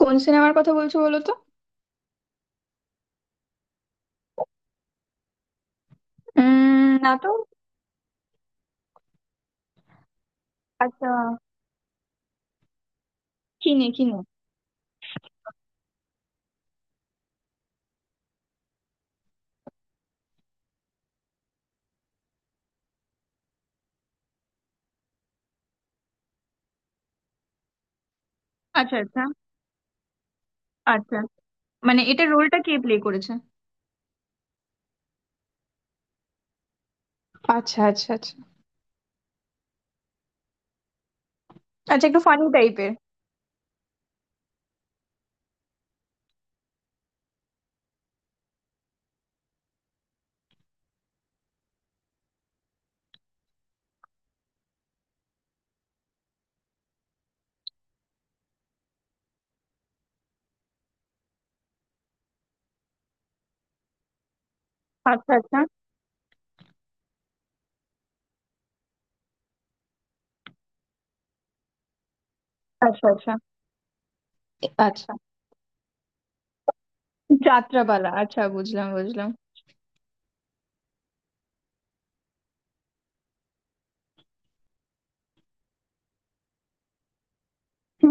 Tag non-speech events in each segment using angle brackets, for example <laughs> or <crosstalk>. কোন সিনেমার কথা বলছো, বলো তো। না তো। আচ্ছা। কিনে কিনে? আচ্ছা আচ্ছা আচ্ছা। মানে এটার রোলটা কে প্লে করেছে? আচ্ছা আচ্ছা আচ্ছা। আচ্ছা, একটু ফানি টাইপের? আচ্ছা আচ্ছা আচ্ছা। আচ্ছা। আচ্ছা, যাত্রাপালা। আচ্ছা, বুঝলাম বুঝলাম। হুম।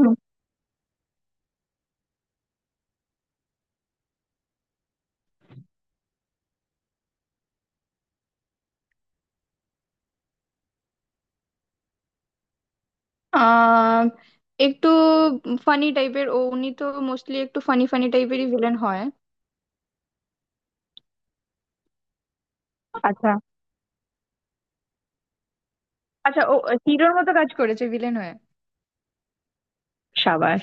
আহ একটু ফানি টাইপের ও, উনি তো মোস্টলি একটু ফানি ফানি টাইপেরই ভিলেন হয়। আচ্ছা আচ্ছা। ও হিরোর মতো কাজ করেছে ভিলেন হয়ে। সাবাস।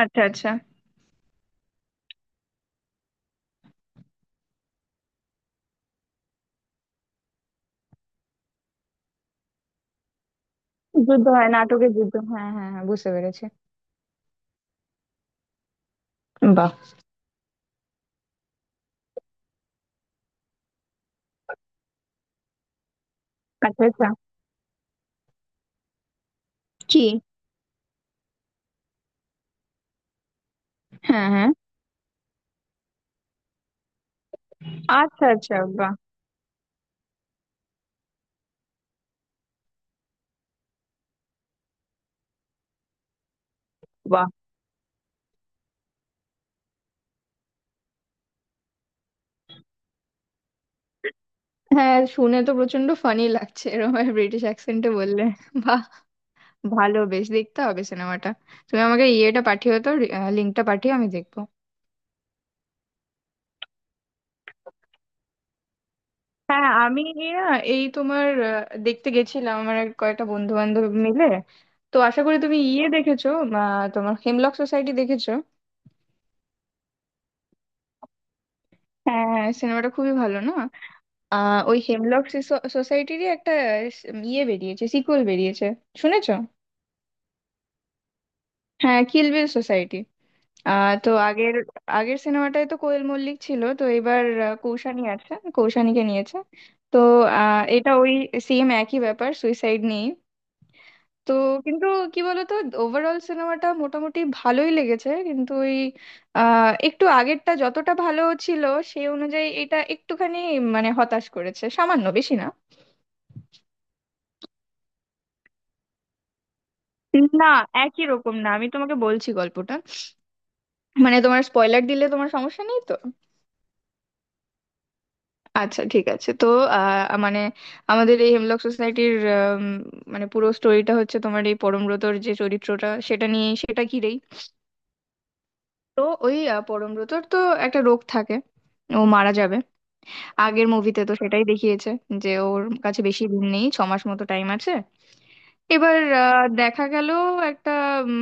আচ্ছা আচ্ছা। যুদ্ধ হয় নাটকে, যুদ্ধ, হ্যাঁ হ্যাঁ হ্যাঁ, বুঝতে পেরেছি। বাহ। আচ্ছা আচ্ছা। কি? হ্যাঁ হ্যাঁ। আচ্ছা আচ্ছা। বাহ। বাহ, হ্যাঁ, শুনে তো প্রচন্ড ফানি লাগছে এরকম ব্রিটিশ অ্যাকসেন্টে বললে। বাহ। ভালো, বেশ দেখতে হবে সিনেমাটা। তুমি আমাকে ইয়েটা পাঠিও তো, লিঙ্কটা পাঠিয়ে আমি দেখবো। হ্যাঁ আমি, না, এই তোমার দেখতে গেছিলাম আমার এক কয়েকটা বন্ধু বান্ধব মিলে। তো আশা করি তুমি ইয়ে দেখেছো। তোমার হেমলক সোসাইটি দেখেছো? হ্যাঁ, সিনেমাটা খুবই ভালো না? ওই হেমলক সোসাইটিরই একটা ইয়ে বেরিয়েছে, সিকুয়েল বেরিয়েছে, শুনেছো? হ্যাঁ, কিলবিল সোসাইটি। তো আগের, আগের সিনেমাটায় তো কোয়েল মল্লিক ছিল, তো এবার কৌশানি আছে, কৌশানিকে নিয়েছে। তো এটা ওই সেম একই ব্যাপার, সুইসাইড নেই। তো কিন্তু, কি বলতো, ওভারঅল সিনেমাটা মোটামুটি ভালোই লেগেছে, কিন্তু ওই একটু আগেরটা যতটা ভালো ছিল সেই অনুযায়ী এটা একটুখানি মানে হতাশ করেছে, সামান্য, বেশি না। না, একই রকম না। আমি তোমাকে বলছি গল্পটা। মানে তোমার স্পয়লার দিলে তোমার সমস্যা নেই তো? আচ্ছা ঠিক আছে। তো মানে আমাদের এই হেমলক সোসাইটির মানে পুরো স্টোরিটা হচ্ছে তোমার এই পরমব্রতর যে চরিত্রটা, সেটা নিয়ে, সেটা ঘিরেই। তো ওই পরমব্রতর তো একটা রোগ থাকে, ও মারা যাবে। আগের মুভিতে তো সেটাই দেখিয়েছে যে ওর কাছে বেশি দিন নেই, 6 মাস মতো টাইম আছে। এবার দেখা গেল একটা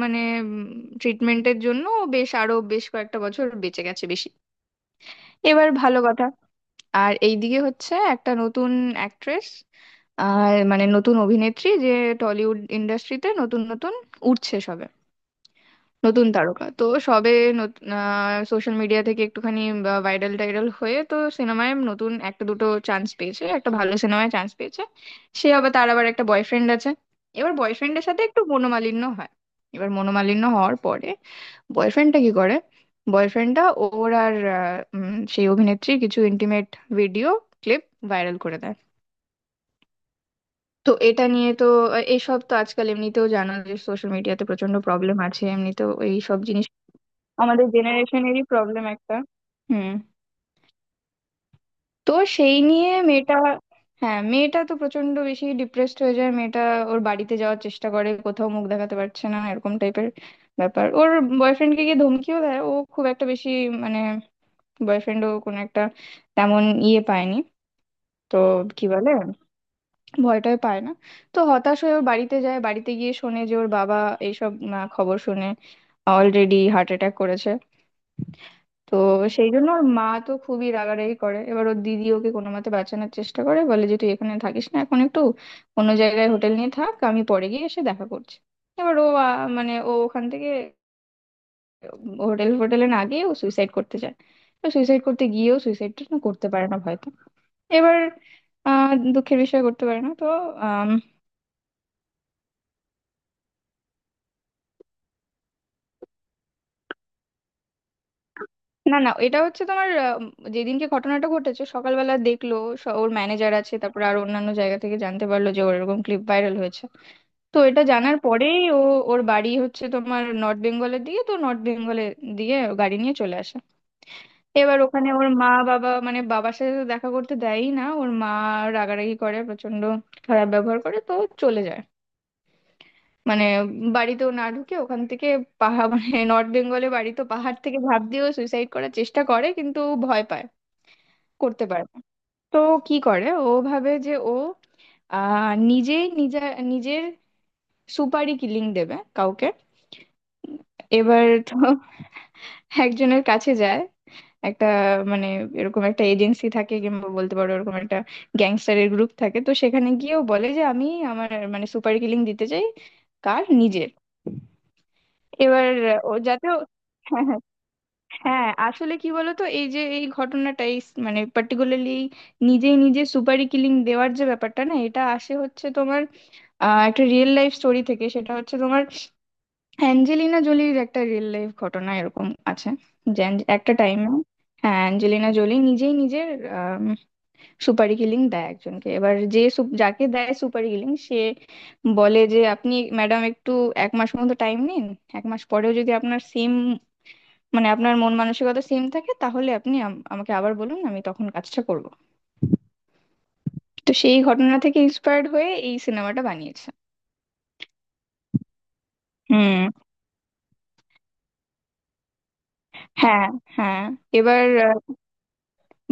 মানে, মানে ট্রিটমেন্টের জন্য ও বেশ, আরো বেশ কয়েকটা বছর বেঁচে গেছে, বেশি। এবার ভালো কথা। আর এইদিকে হচ্ছে একটা নতুন অ্যাক্ট্রেস, আর মানে নতুন অভিনেত্রী, যে টলিউড ইন্ডাস্ট্রিতে নতুন নতুন উঠছে সবে। নতুন তারকা তো সবে সোশ্যাল মিডিয়া থেকে একটুখানি ভাইরাল টাইরাল হয়ে তো সিনেমায় নতুন একটা দুটো চান্স পেয়েছে, একটা ভালো সিনেমায় চান্স পেয়েছে। সে আবার, তার আবার একটা বয়ফ্রেন্ড আছে। এবার বয়ফ্রেন্ডের সাথে একটু মনোমালিন্য হয়। এবার মনোমালিন্য হওয়ার পরে বয়ফ্রেন্ডটা কি করে, বয়ফ্রেন্ডটা ওর আর সেই অভিনেত্রীর কিছু ইন্টিমেট ভিডিও ক্লিপ ভাইরাল করে দেয়। তো এটা নিয়ে তো এইসব তো আজকাল এমনিতেও জানো যে সোশ্যাল মিডিয়াতে প্রচন্ড প্রবলেম আছে এমনিতেও এইসব জিনিস। আমাদের জেনারেশনেরই প্রবলেম একটা। হুম। তো সেই নিয়ে মেয়েটা, হ্যাঁ মেয়েটা তো প্রচন্ড বেশি ডিপ্রেসড হয়ে যায়, মেয়েটা ওর বাড়িতে যাওয়ার চেষ্টা করে, কোথাও মুখ দেখাতে পারছে না এরকম টাইপের ব্যাপার। ওর বয়ফ্রেন্ডকে গিয়ে ধমকিও দেয় ও, খুব একটা বেশি মানে বয়ফ্রেন্ডও কোনো একটা তেমন ইয়ে পায়নি তো, কি বলে, ভয়টাই পায় না। তো হতাশ হয়ে ওর বাড়িতে যায়, বাড়িতে গিয়ে শোনে যে ওর বাবা এইসব খবর শুনে অলরেডি হার্ট অ্যাটাক করেছে। তো সেই জন্য ওর মা তো খুবই রাগারাগি করে। এবার ওর দিদি ওকে কোনো মতে বাঁচানোর চেষ্টা করে, বলে যে তুই এখানে থাকিস না এখন, একটু অন্য জায়গায় হোটেল নিয়ে থাক, আমি পরে গিয়ে এসে দেখা করছি। এবার ও মানে ও ওখান থেকে হোটেল ফোটেলে না গিয়ে ও সুইসাইড করতে যায়। তো সুইসাইড করতে গিয়েও সুইসাইডটা না, করতে পারে না হয়তো। এবার দুঃখের বিষয় করতে পারে না। তো আম, না না, এটা হচ্ছে তোমার যেদিনকে ঘটনাটা ঘটেছে সকালবেলা দেখলো, ওর ম্যানেজার আছে, তারপর আর অন্যান্য জায়গা থেকে জানতে পারলো যে ওর এরকম ক্লিপ ভাইরাল হয়েছে। তো এটা জানার পরেই ও, ওর বাড়ি হচ্ছে তোমার নর্থ বেঙ্গলের দিকে, তো নর্থ বেঙ্গলে দিয়ে ও গাড়ি নিয়ে চলে আসে। এবার ওখানে ওর মা বাবা মানে বাবার সাথে তো দেখা করতে দেয়ই না ওর মা, রাগারাগি করে প্রচন্ড, খারাপ ব্যবহার করে তো চলে যায়, মানে বাড়িতেও না ঢুকে ওখান থেকে পাহাড় <laughs> মানে নর্থ বেঙ্গলে বাড়ি তো, পাহাড় থেকে ঝাঁপ দিয়েও সুইসাইড করার চেষ্টা করে কিন্তু ভয় পায়, করতে পারে না। তো ও কি করে, ও ভাবে যে ও নিজেই নিজে, নিজের সুপারই কিলিং দেবে কাউকে। এবার তো একজনের কাছে যায়, একটা মানে এরকম একটা এজেন্সি থাকে, কিংবা বলতে পারো এরকম একটা গ্যাংস্টারের গ্রুপ থাকে, তো সেখানে গিয়েও বলে যে আমি, আমার মানে সুপার কিলিং দিতে চাই। কার? নিজের। এবার ও যাতে <laughs> হ্যাঁ হ্যাঁ। হ্যাঁ, আসলে কি বলতো, এই যে এই ঘটনাটা, এই মানে পার্টিকুলারলি নিজেই নিজে সুপারি কিলিং দেওয়ার যে ব্যাপারটা না, এটা আসে হচ্ছে তোমার একটা রিয়েল লাইফ স্টোরি থেকে। সেটা হচ্ছে তোমার অ্যাঞ্জেলিনা জোলির একটা রিয়েল লাইফ ঘটনা এরকম আছে। যে একটা টাইমে, হ্যাঁ অ্যাঞ্জেলিনা জোলি নিজেই নিজের সুপারি কিলিং দেয় একজনকে। এবার যে যাকে দেয় সুপারি কিলিং, সে বলে যে আপনি ম্যাডাম একটু 1 মাস মতো টাইম নিন, 1 মাস পরেও যদি আপনার সেম মানে আপনার মন মানসিকতা সেম থাকে, তাহলে আপনি আমাকে আবার বলুন, আমি তখন কাজটা করব। তো সেই ঘটনা থেকে ইন্সপায়ার্ড হয়ে এই সিনেমাটা বানিয়েছে। হুম। হ্যাঁ হ্যাঁ। এবার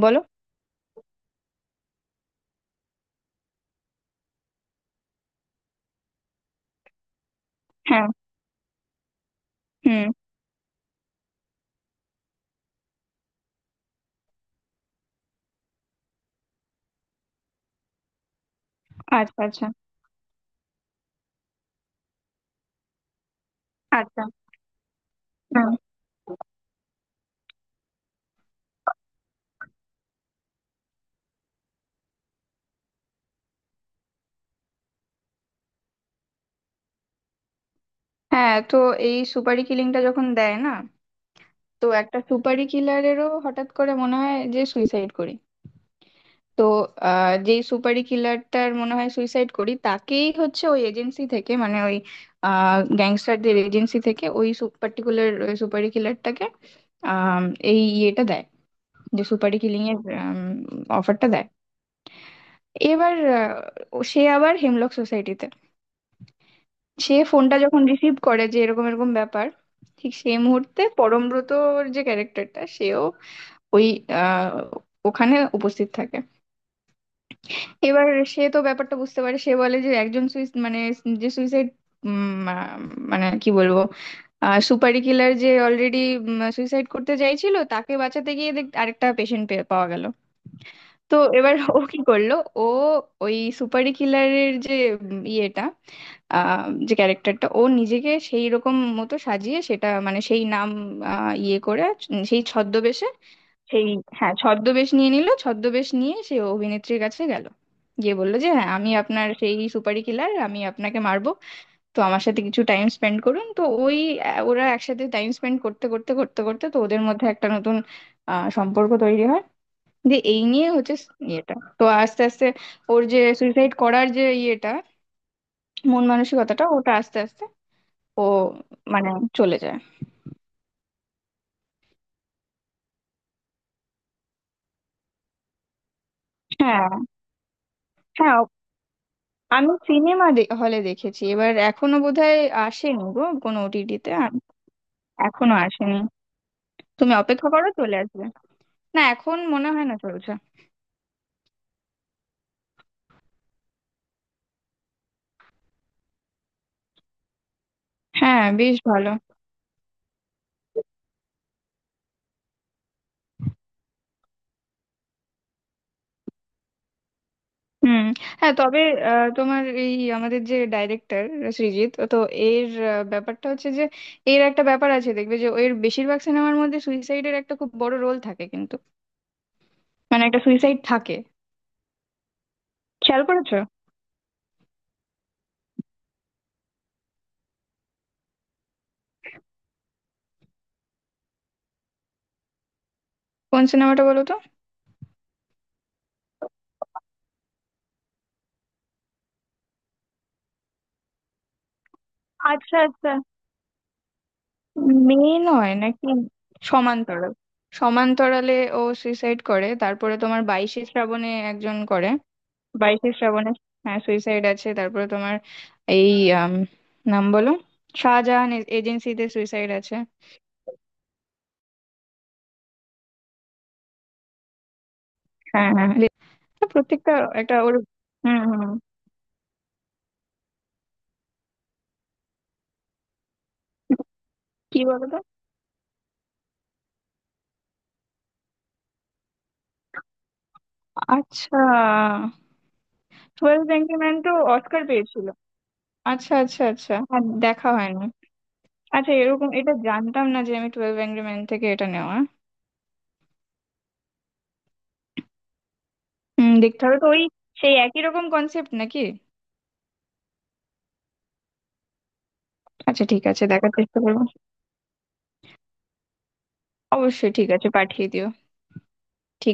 বলো। হ্যাঁ। হুম। আচ্ছা আচ্ছা আচ্ছা। হুম। হ্যাঁ, তো এই সুপারি কিলিংটা যখন দেয় না, তো একটা সুপারি কিলারেরও হঠাৎ করে মনে হয় যে সুইসাইড করি। তো যেই সুপারি কিলারটার মনে হয় সুইসাইড করি, তাকেই হচ্ছে ওই এজেন্সি থেকে, মানে ওই গ্যাংস্টারদের এজেন্সি থেকে ওই পার্টিকুলার সুপারি কিলারটাকে আম, এই ইয়েটা দেয়, যে সুপারি কিলিং এর অফারটা দেয়। এবার সে আবার হেমলক সোসাইটিতে, সে ফোনটা যখন রিসিভ করে যে এরকম এরকম ব্যাপার, ঠিক সেই মুহূর্তে পরমব্রতর যে ক্যারেক্টারটা সেও ওই আহ, ওখানে উপস্থিত থাকে। এবার সে তো ব্যাপারটা বুঝতে পারে, সে বলে যে একজন সুইস মানে, যে সুইসাইড মানে, কি বলবো, সুপারি কিলার যে অলরেডি সুইসাইড করতে চাইছিল তাকে বাঁচাতে গিয়ে দেখ আরেকটা পেশেন্ট পাওয়া গেল। তো এবার ও কি করলো, ও ওই সুপারি কিলারের যে ইয়েটা যে ক্যারেক্টারটা, ও নিজেকে সেই রকম মতো সাজিয়ে সেটা মানে সেই নাম ইয়ে করে, সেই ছদ্মবেশে, সেই, হ্যাঁ ছদ্মবেশ নিয়ে নিল, ছদ্মবেশ নিয়ে সে অভিনেত্রীর কাছে গেল, গিয়ে বললো যে হ্যাঁ, আমি আপনার সেই সুপারি কিলার, আমি আপনাকে মারবো, তো আমার সাথে কিছু টাইম স্পেন্ড করুন। তো ওই ওরা একসাথে টাইম স্পেন্ড করতে করতে করতে করতে তো ওদের মধ্যে একটা নতুন সম্পর্ক তৈরি হয়, যে এই নিয়ে হচ্ছে ইয়েটা। তো আস্তে আস্তে ওর যে সুইসাইড করার যে ইয়েটা, মন মানসিকতাটা, ওটা আস্তে আস্তে ও, মানে চলে যায়। হ্যাঁ হ্যাঁ। আমি সিনেমা হলে দেখেছি। এবার এখনো বোধহয় আসেনি গো কোনো ওটিটিতে। এখনো আসেনি। তুমি অপেক্ষা করো, চলে আসবে। না, এখন মনে হয় না চলছে। হ্যাঁ বেশ ভালো। হুম। হ্যাঁ, তবে তোমার এই আমাদের যে ডাইরেক্টর সৃজিত তো, এর ব্যাপারটা হচ্ছে যে এর একটা ব্যাপার আছে দেখবে যে এর বেশিরভাগ সিনেমার মধ্যে সুইসাইডের একটা খুব বড় রোল থাকে, কিন্তু মানে একটা সুইসাইড থাকে। খেয়াল করেছো? কোন সিনেমাটা বলো তো। আচ্ছা আচ্ছা। মেয়ে নয় নাকি? সমান্তরাল, সমান্তরালে ও সুইসাইড করে, তারপরে তোমার বাইশে শ্রাবণে একজন করে, বাইশে শ্রাবণে হ্যাঁ সুইসাইড আছে, তারপরে তোমার এই আম, নাম বলো, শাহজাহান এজেন্সিতে সুইসাইড আছে। হ্যাঁ হ্যাঁ, প্রত্যেকটা, একটা ওর। হুম হুম। কি বলতো? আচ্ছা, টুয়েলভ এঙ্গরিম্যান তো অস্কার পেয়েছিল। আচ্ছা আচ্ছা আচ্ছা, আর দেখা হয়নি। আচ্ছা, এরকম এটা জানতাম না যে, আমি টুয়েলভ এঙ্গরি ম্যান থেকে এটা নেওয়া। হুম, দেখতে হবে তো ওই সেই একই রকম কনসেপ্ট নাকি? আচ্ছা ঠিক আছে, দেখার চেষ্টা করবো। অবশ্যই ঠিক আছে, পাঠিয়ে দিও। ঠিক।